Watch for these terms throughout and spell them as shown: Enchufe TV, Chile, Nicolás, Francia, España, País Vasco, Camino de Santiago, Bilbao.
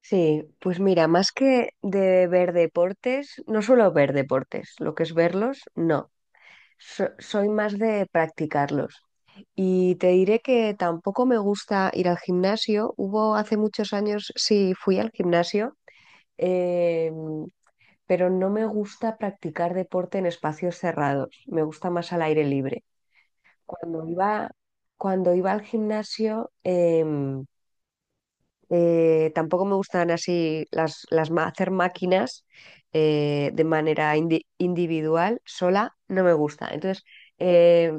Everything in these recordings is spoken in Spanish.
Sí, pues mira, más que de ver deportes, no suelo ver deportes, lo que es verlos, no. Soy más de practicarlos. Y te diré que tampoco me gusta ir al gimnasio. Hubo hace muchos años, sí, fui al gimnasio, eh, pero no me gusta practicar deporte en espacios cerrados. Me gusta más al aire libre. Cuando iba, Cuando iba al gimnasio, tampoco me gustan así hacer máquinas de manera individual, sola, no me gusta. Entonces, eh,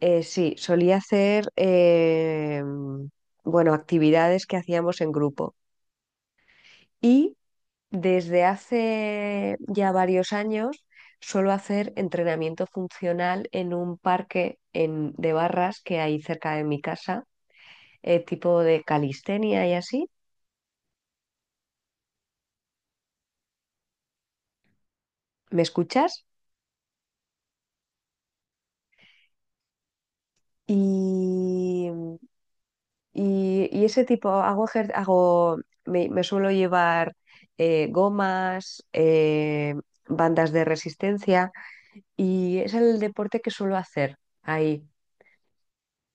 sí, solía hacer, bueno, actividades que hacíamos en grupo. Y desde hace ya varios años suelo hacer entrenamiento funcional en un parque de barras que hay cerca de mi casa, tipo de calistenia y así. ¿Me escuchas? Y, y ese tipo, hago, me suelo llevar gomas, bandas de resistencia y es el deporte que suelo hacer ahí.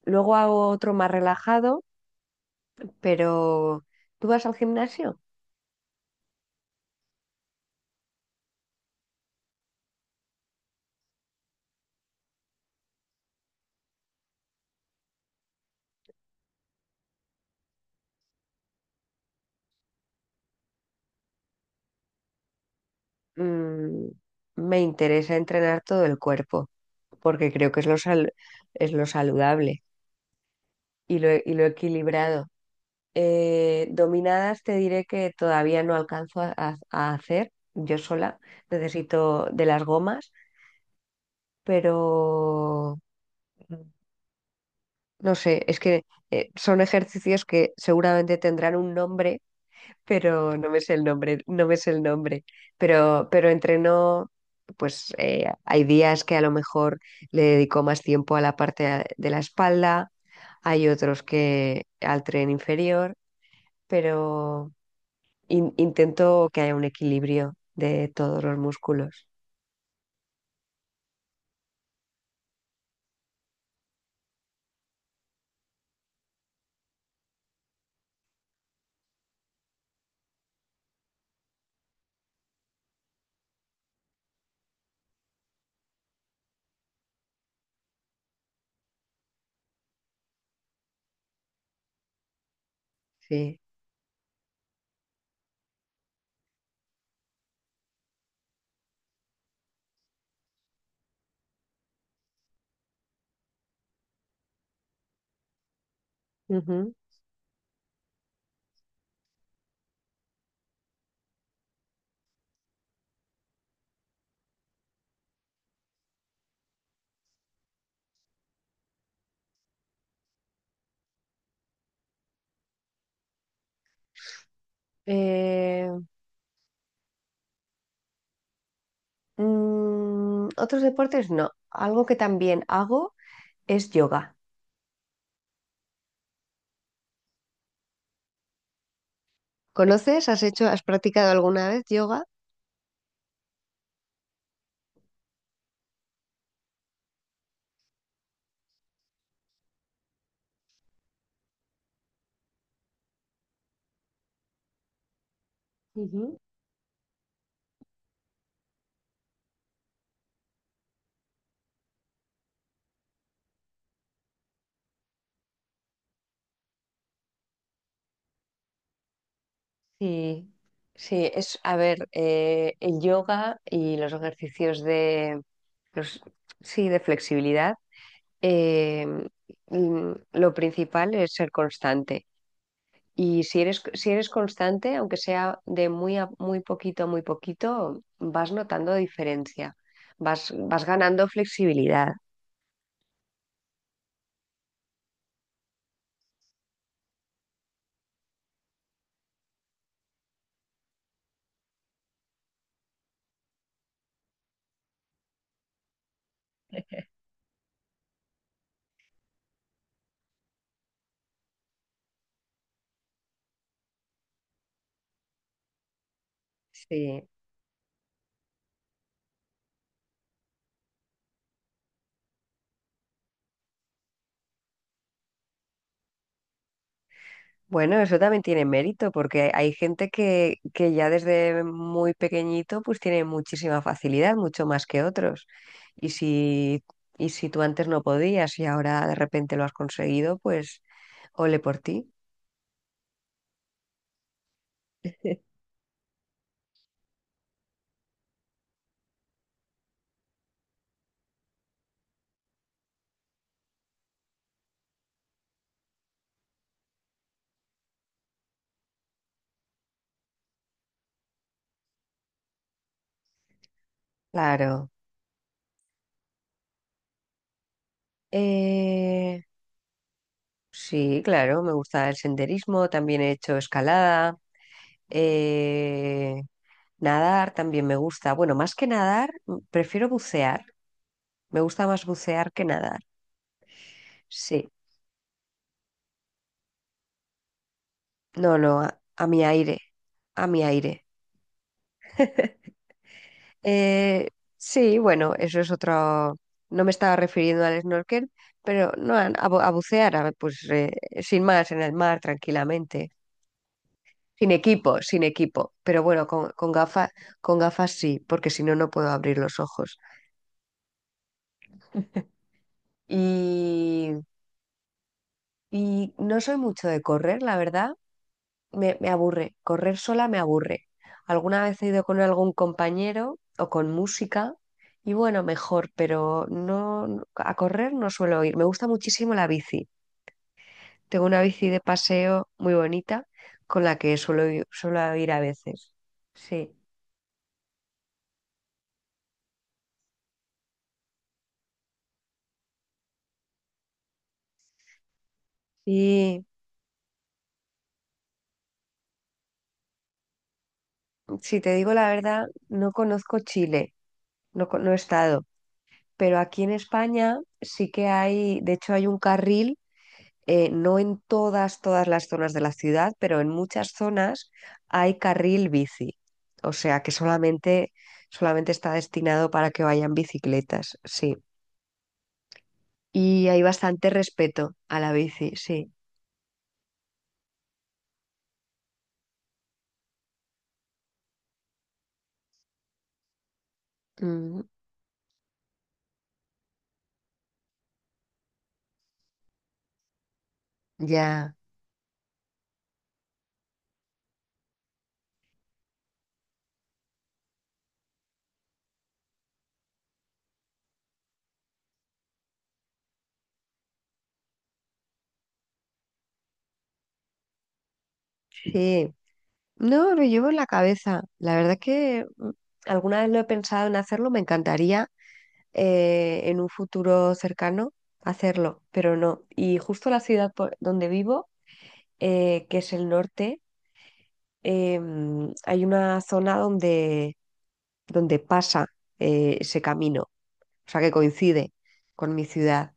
Luego hago otro más relajado, pero ¿tú vas al gimnasio? Mm, me interesa entrenar todo el cuerpo porque creo que es es lo saludable y lo equilibrado. Dominadas te diré que todavía no alcanzo a hacer yo sola. Necesito de las gomas, pero no sé, es que son ejercicios que seguramente tendrán un nombre, pero no me sé el nombre, no me sé el nombre. Pero entreno, pues hay días que a lo mejor le dedico más tiempo a la parte de la espalda, hay otros que al tren inferior, pero intento que haya un equilibrio de todos los músculos. Sí. Ujú. Eh, otros deportes no. Algo que también hago es yoga. ¿Conoces? ¿Has hecho, has practicado alguna vez yoga? Ujú. Sí, sí, es, a ver, el yoga y los ejercicios de, los, sí, de flexibilidad, eh, lo principal es ser constante. Y si eres constante, aunque sea de muy a muy poquito, vas notando diferencia, vas ganando flexibilidad. Sí. Bueno, eso también tiene mérito, porque hay gente que ya desde muy pequeñito pues tiene muchísima facilidad, mucho más que otros. Y si, y si tú antes no podías y ahora de repente lo has conseguido, pues ole por ti. Claro. Eh, Sí, claro, me gusta el senderismo, también he hecho escalada, eh, nadar también me gusta. Bueno, más que nadar, prefiero bucear. Me gusta más bucear que nadar. Sí, no, no, a mi aire, a mi aire. Eh, sí, bueno, eso es otro. No me estaba refiriendo al snorkel, pero no, a bucear, pues sin más, en el mar, tranquilamente. Sin equipo, sin equipo. Pero bueno, con gafas, con gafas sí, porque si no, no puedo abrir los ojos. Y, y no soy mucho de correr, la verdad. Me aburre. Correr sola me aburre. Alguna vez he ido con algún compañero o con música. Y bueno, mejor, pero no a correr no suelo ir. Me gusta muchísimo la bici. Tengo una bici de paseo muy bonita con la que suelo ir a veces. Sí. Y si te digo la verdad, no conozco Chile, no, no he estado, pero aquí en España sí que hay, de hecho hay un carril, no en todas las zonas de la ciudad, pero en muchas zonas hay carril bici, o sea que solamente, solamente está destinado para que vayan bicicletas, sí. Y hay bastante respeto a la bici, sí. Mm, ya, sí. No, lo llevo en la cabeza. La verdad que alguna vez lo he pensado en hacerlo, me encantaría en un futuro cercano hacerlo, pero no. Y justo la ciudad por donde vivo, que es el norte, eh, hay una zona donde, donde pasa ese camino, o sea que coincide con mi ciudad.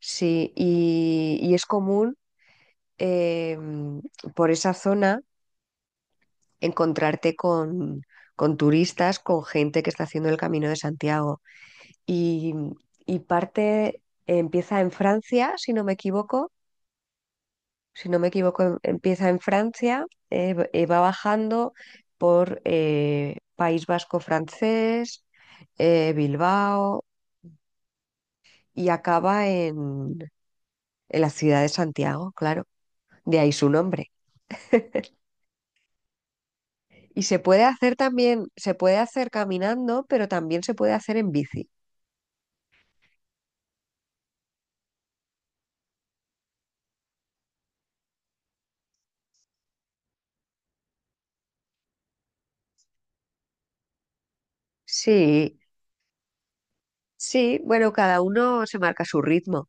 Sí, y es común eh, por esa zona encontrarte con turistas, con gente que está haciendo el Camino de Santiago. Y, y parte, empieza en Francia, si no me equivoco, si no me equivoco, empieza en Francia, va bajando por País Vasco francés, Bilbao y acaba en la ciudad de Santiago, claro, de ahí su nombre. Y se puede hacer también, se puede hacer caminando, pero también se puede hacer en bici. Sí, sí, bueno, cada uno se marca su ritmo.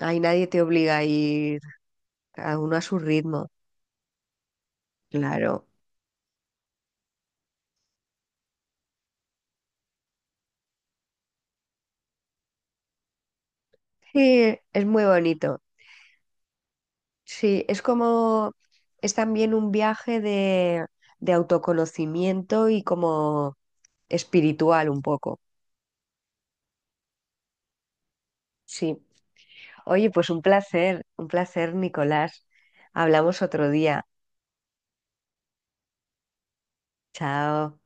Ahí nadie te obliga a ir, cada uno a su ritmo, claro. Sí, es muy bonito. Sí, es como, es también un viaje de autoconocimiento y como espiritual un poco. Sí. Oye, pues un placer, Nicolás. Hablamos otro día. Chao.